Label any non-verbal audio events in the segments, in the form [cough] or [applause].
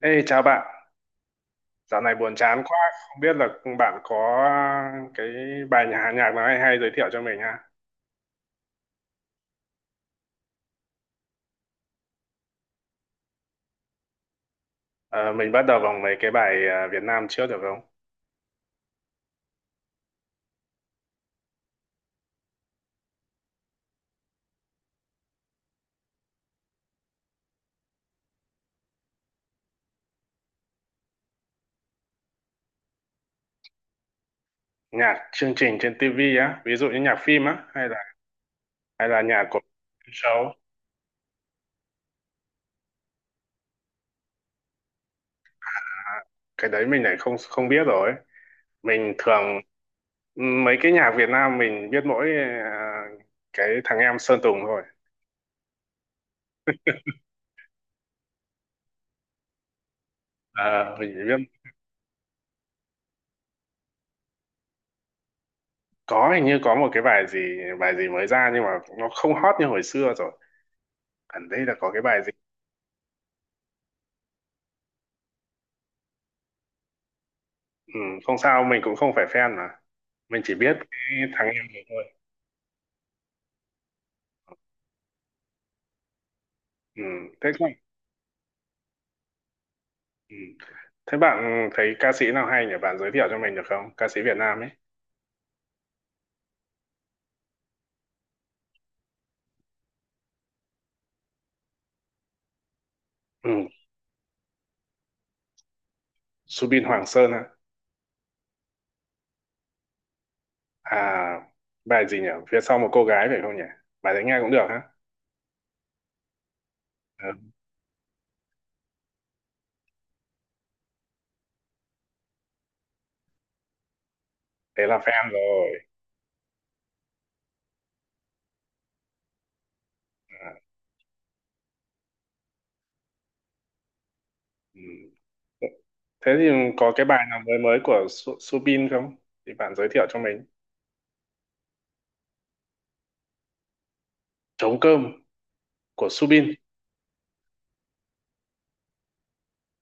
Ê, chào bạn, dạo này buồn chán quá, không biết là bạn có cái bài nhà nhạc nào hay hay giới thiệu cho mình ha. Ờ, mình bắt đầu bằng mấy cái bài Việt Nam trước được không? Nhạc chương trình trên TV á, ví dụ như nhạc phim á, hay là nhạc của show, cái đấy mình lại không không biết rồi. Mình thường mấy cái nhạc Việt Nam mình biết mỗi cái thằng em Sơn Tùng thôi. Ờ, mình chỉ biết có hình như có một cái bài gì mới ra nhưng mà nó không hot như hồi xưa rồi. Gần đây là có cái bài ừ, không sao mình cũng không phải fan mà mình chỉ biết cái thằng em này thôi, ừ, thế không, ừ. Thế bạn thấy ca sĩ nào hay nhỉ, bạn giới thiệu cho mình được không, ca sĩ Việt Nam ấy? Ừ. Subin Hoàng Sơn hả? À, bài gì nhỉ, phía sau một cô gái phải không nhỉ, bài đấy nghe cũng được hả? Ừ. Thế là fan rồi. À, ừ. Thế thì có cái bài nào mới mới của Subin không thì bạn giới thiệu cho mình. Trống cơm của Subin.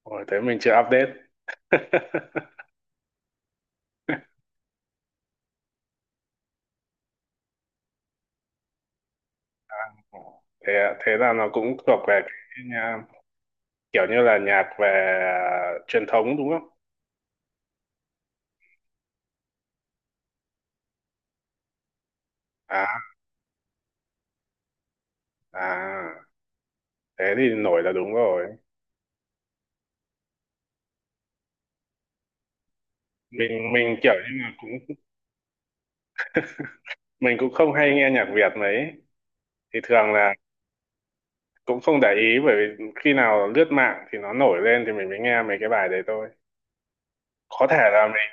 Ôi, thế mình chưa update. [laughs] Thế thế là nó cũng thuộc về cái nha, kiểu như là nhạc về truyền thống đúng không? À, à, thế thì nổi là đúng rồi. Mình kiểu như là cũng mình cũng không hay nghe nhạc Việt mấy thì thường là cũng không để ý, bởi vì khi nào lướt mạng thì nó nổi lên thì mình mới nghe mấy cái bài đấy thôi. Có thể là mình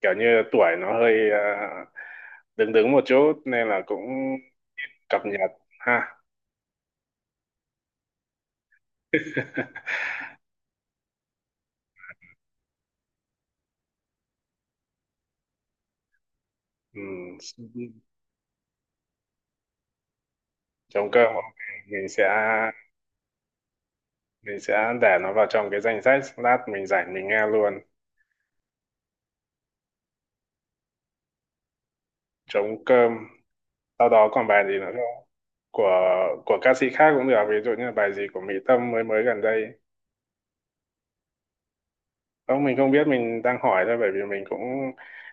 kiểu như tuổi nó hơi đứng đứng một chút nên là cũng cập nhật ha. Ừ. Trống cơm, ok. mình sẽ mình sẽ để nó vào trong cái danh sách, lát mình rảnh mình nghe luôn. Trống cơm sau đó còn bài gì nữa không, của của ca sĩ khác cũng được, ví dụ như là bài gì của Mỹ Tâm mới mới gần đây? Không mình không biết, mình đang hỏi thôi, bởi vì mình cũng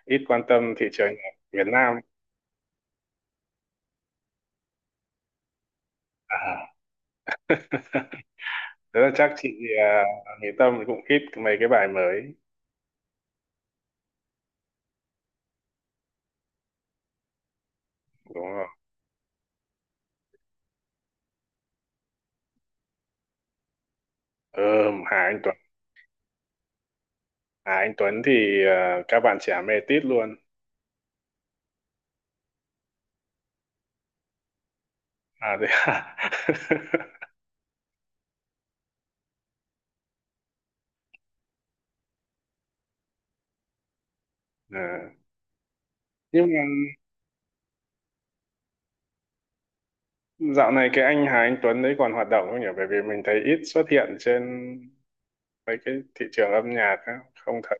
ít quan tâm thị trường Việt Nam. À. [laughs] Thế là chắc chị Mỹ Tâm cũng ít mấy cái bài mới đúng không? Ừ, Hà Anh Tuấn. Hà Anh Tuấn thì các bạn trẻ mê tít luôn. À thế à? [laughs] Ờ. Nhưng mà dạo này cái anh Hà Anh Tuấn đấy còn hoạt động không nhỉ? Bởi vì mình thấy ít xuất hiện trên mấy cái thị trường âm nhạc á. Không thật.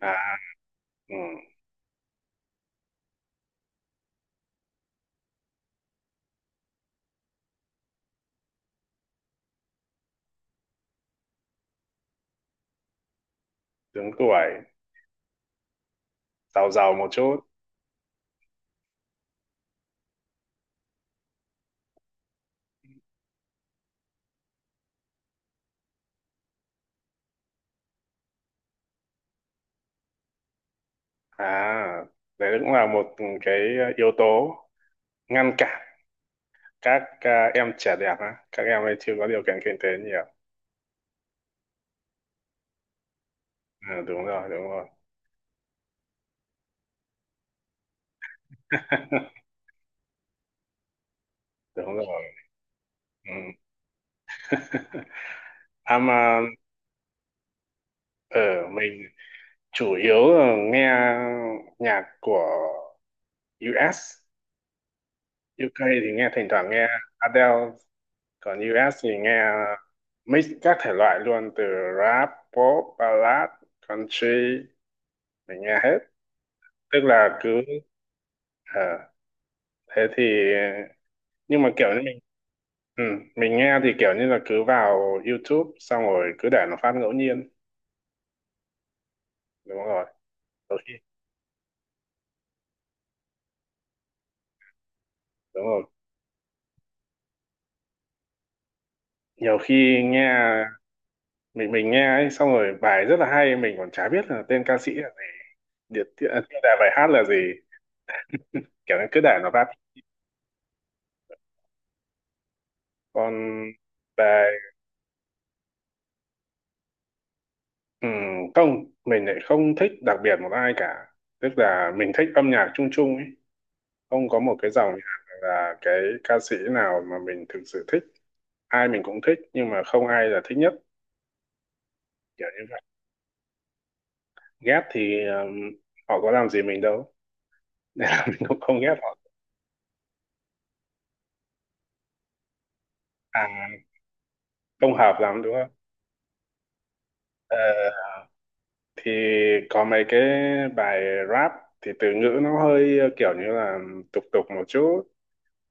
À, ừ, đứng tuổi, giàu giàu một chút. À, đấy cũng là một cái yếu tố ngăn cản các em trẻ đẹp á. Các em ấy chưa có điều kiện kinh tế nhiều. Ừ, đúng rồi, đúng rồi. [laughs] Đúng rồi. Ừ. [laughs] À mà ở mình chủ yếu là nghe nhạc của US UK thì nghe, thỉnh thoảng nghe Adele, còn US thì nghe mix các thể loại luôn, từ rap, pop, ballad, country, mình nghe hết. Tức là cứ ờ, thế thì nhưng mà kiểu như mình ừ, mình nghe thì kiểu như là cứ vào YouTube xong rồi cứ để nó phát ngẫu nhiên. Đúng rồi. Đôi khi đúng rồi. Nhiều khi nghe mình nghe ấy xong rồi bài rất là hay mình còn chả biết là tên ca sĩ là gì, tiêu đề bài hát là gì, kiểu như cứ để nó phát. Còn về ừ, không mình lại không thích đặc biệt một ai cả, tức là mình thích âm nhạc chung chung ấy, không có một cái dòng nhạc hay là cái ca sĩ nào mà mình thực sự thích, ai mình cũng thích nhưng mà không ai là thích nhất, kiểu như vậy. Ghét thì ờ, họ có làm gì mình đâu [laughs] nên là mình cũng không ghét họ. À, không hợp lắm đúng không? Ờ, thì có mấy cái bài rap thì từ ngữ nó hơi kiểu như là tục tục một chút,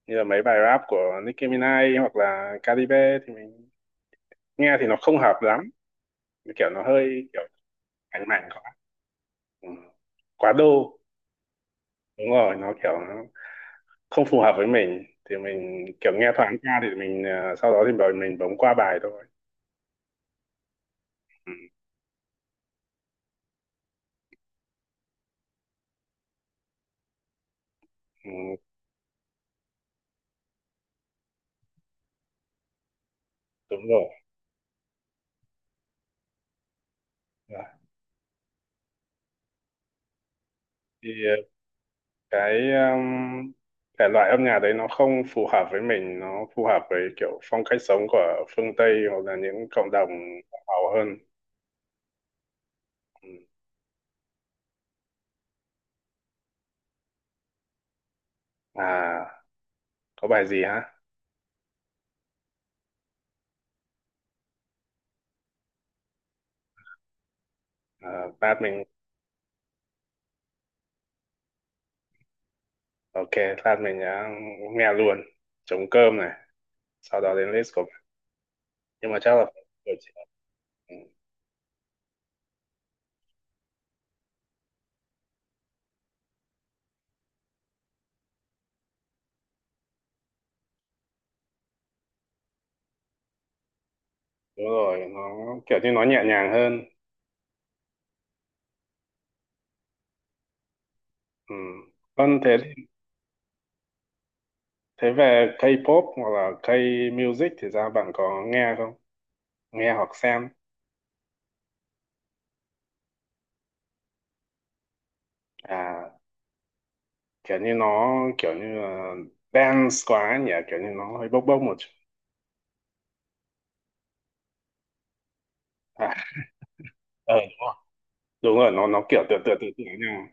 như là mấy bài rap của Nicki Minaj hoặc là Cardi B thì mình nghe thì nó không hợp lắm, kiểu nó hơi kiểu cánh mạnh quá, ừ, quá đô. Đúng rồi nó kiểu nó không phù hợp với mình, thì mình kiểu nghe thoáng qua thì mình ờ, sau đó thì bảo mình bấm qua bài thôi. Ừ. Ừ. Đúng rồi. Rồi. Thì ờ, cái thể loại âm nhạc đấy nó không phù hợp với mình, nó phù hợp với kiểu phong cách sống của phương Tây hoặc là những cộng đồng giàu hơn. Ừ. À, có bài gì hả? Ờ, lát mình ok, lát mình đã nghe luôn trống cơm này, sau đó đến list của bạn, nhưng mà chắc là buổi chiều. Đúng rồi, nó kiểu như nó nhẹ nhàng hơn. Ừ. Vâng, thế thế về K-pop hoặc là K-music thì ra bạn có nghe không, nghe hoặc xem? À, kiểu như nó kiểu như là dance quá nhỉ, kiểu như nó hơi bốc bốc một chút. À, ờ đúng rồi, đúng rồi nó kiểu tựa tựa nhau.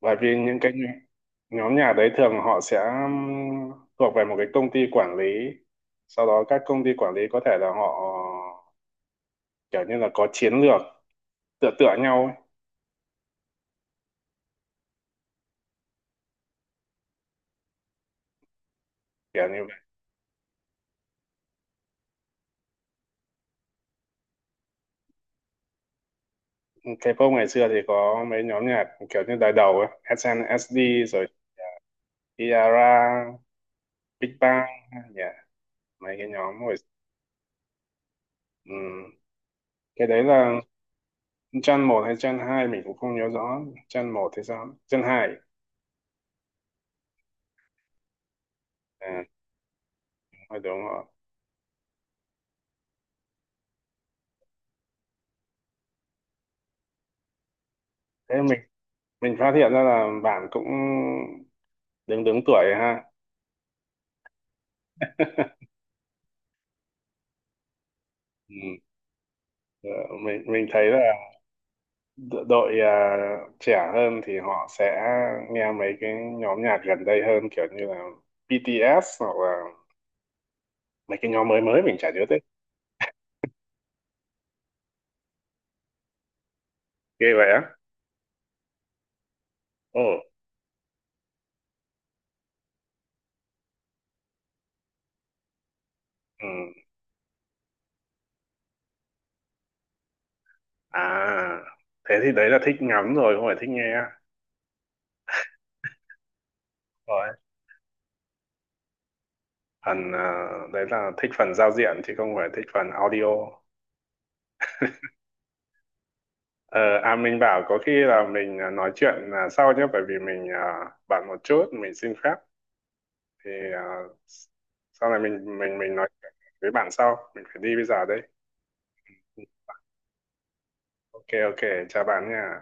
Bởi vì những cái nhóm nhóm nhà đấy thường họ sẽ thuộc về một cái công ty quản lý, sau đó các công ty quản lý có thể là họ kiểu như là có chiến lược tựa tựa nhau ấy. Kiểu như vậy. K-pop ngày xưa thì có mấy nhóm nhạc kiểu như đời đầu ấy, SNSD rồi Tiara, Big Bang, yeah. Mấy cái nhóm hồi ừm, cái đấy là Gen một hay Gen 2 mình cũng không nhớ rõ, Gen một thì sao Gen hai? À, đúng rồi. Thế mình phát hiện ra là bạn cũng đứng đứng tuổi ha. Ừ. Ờ, mình thấy là đội trẻ hơn thì họ sẽ nghe mấy cái nhóm nhạc gần đây hơn, kiểu như là BTS hoặc là mấy cái nhóm mới mới mình chả nhớ tên. Ghê vậy á? Ồ. Ừ. À thế thì đấy là thích ngắm rồi không phải thích nghe rồi. Phần đấy là thích phần giao diện chứ không phải thích phần audio. Ờ, à mình bảo có khi là mình nói chuyện sau nhé, bởi vì mình à, bận một chút, mình xin phép thì à, sau này mình nói chuyện với bạn sau, mình phải đi bây giờ đây. Ok ok, chào bạn nha.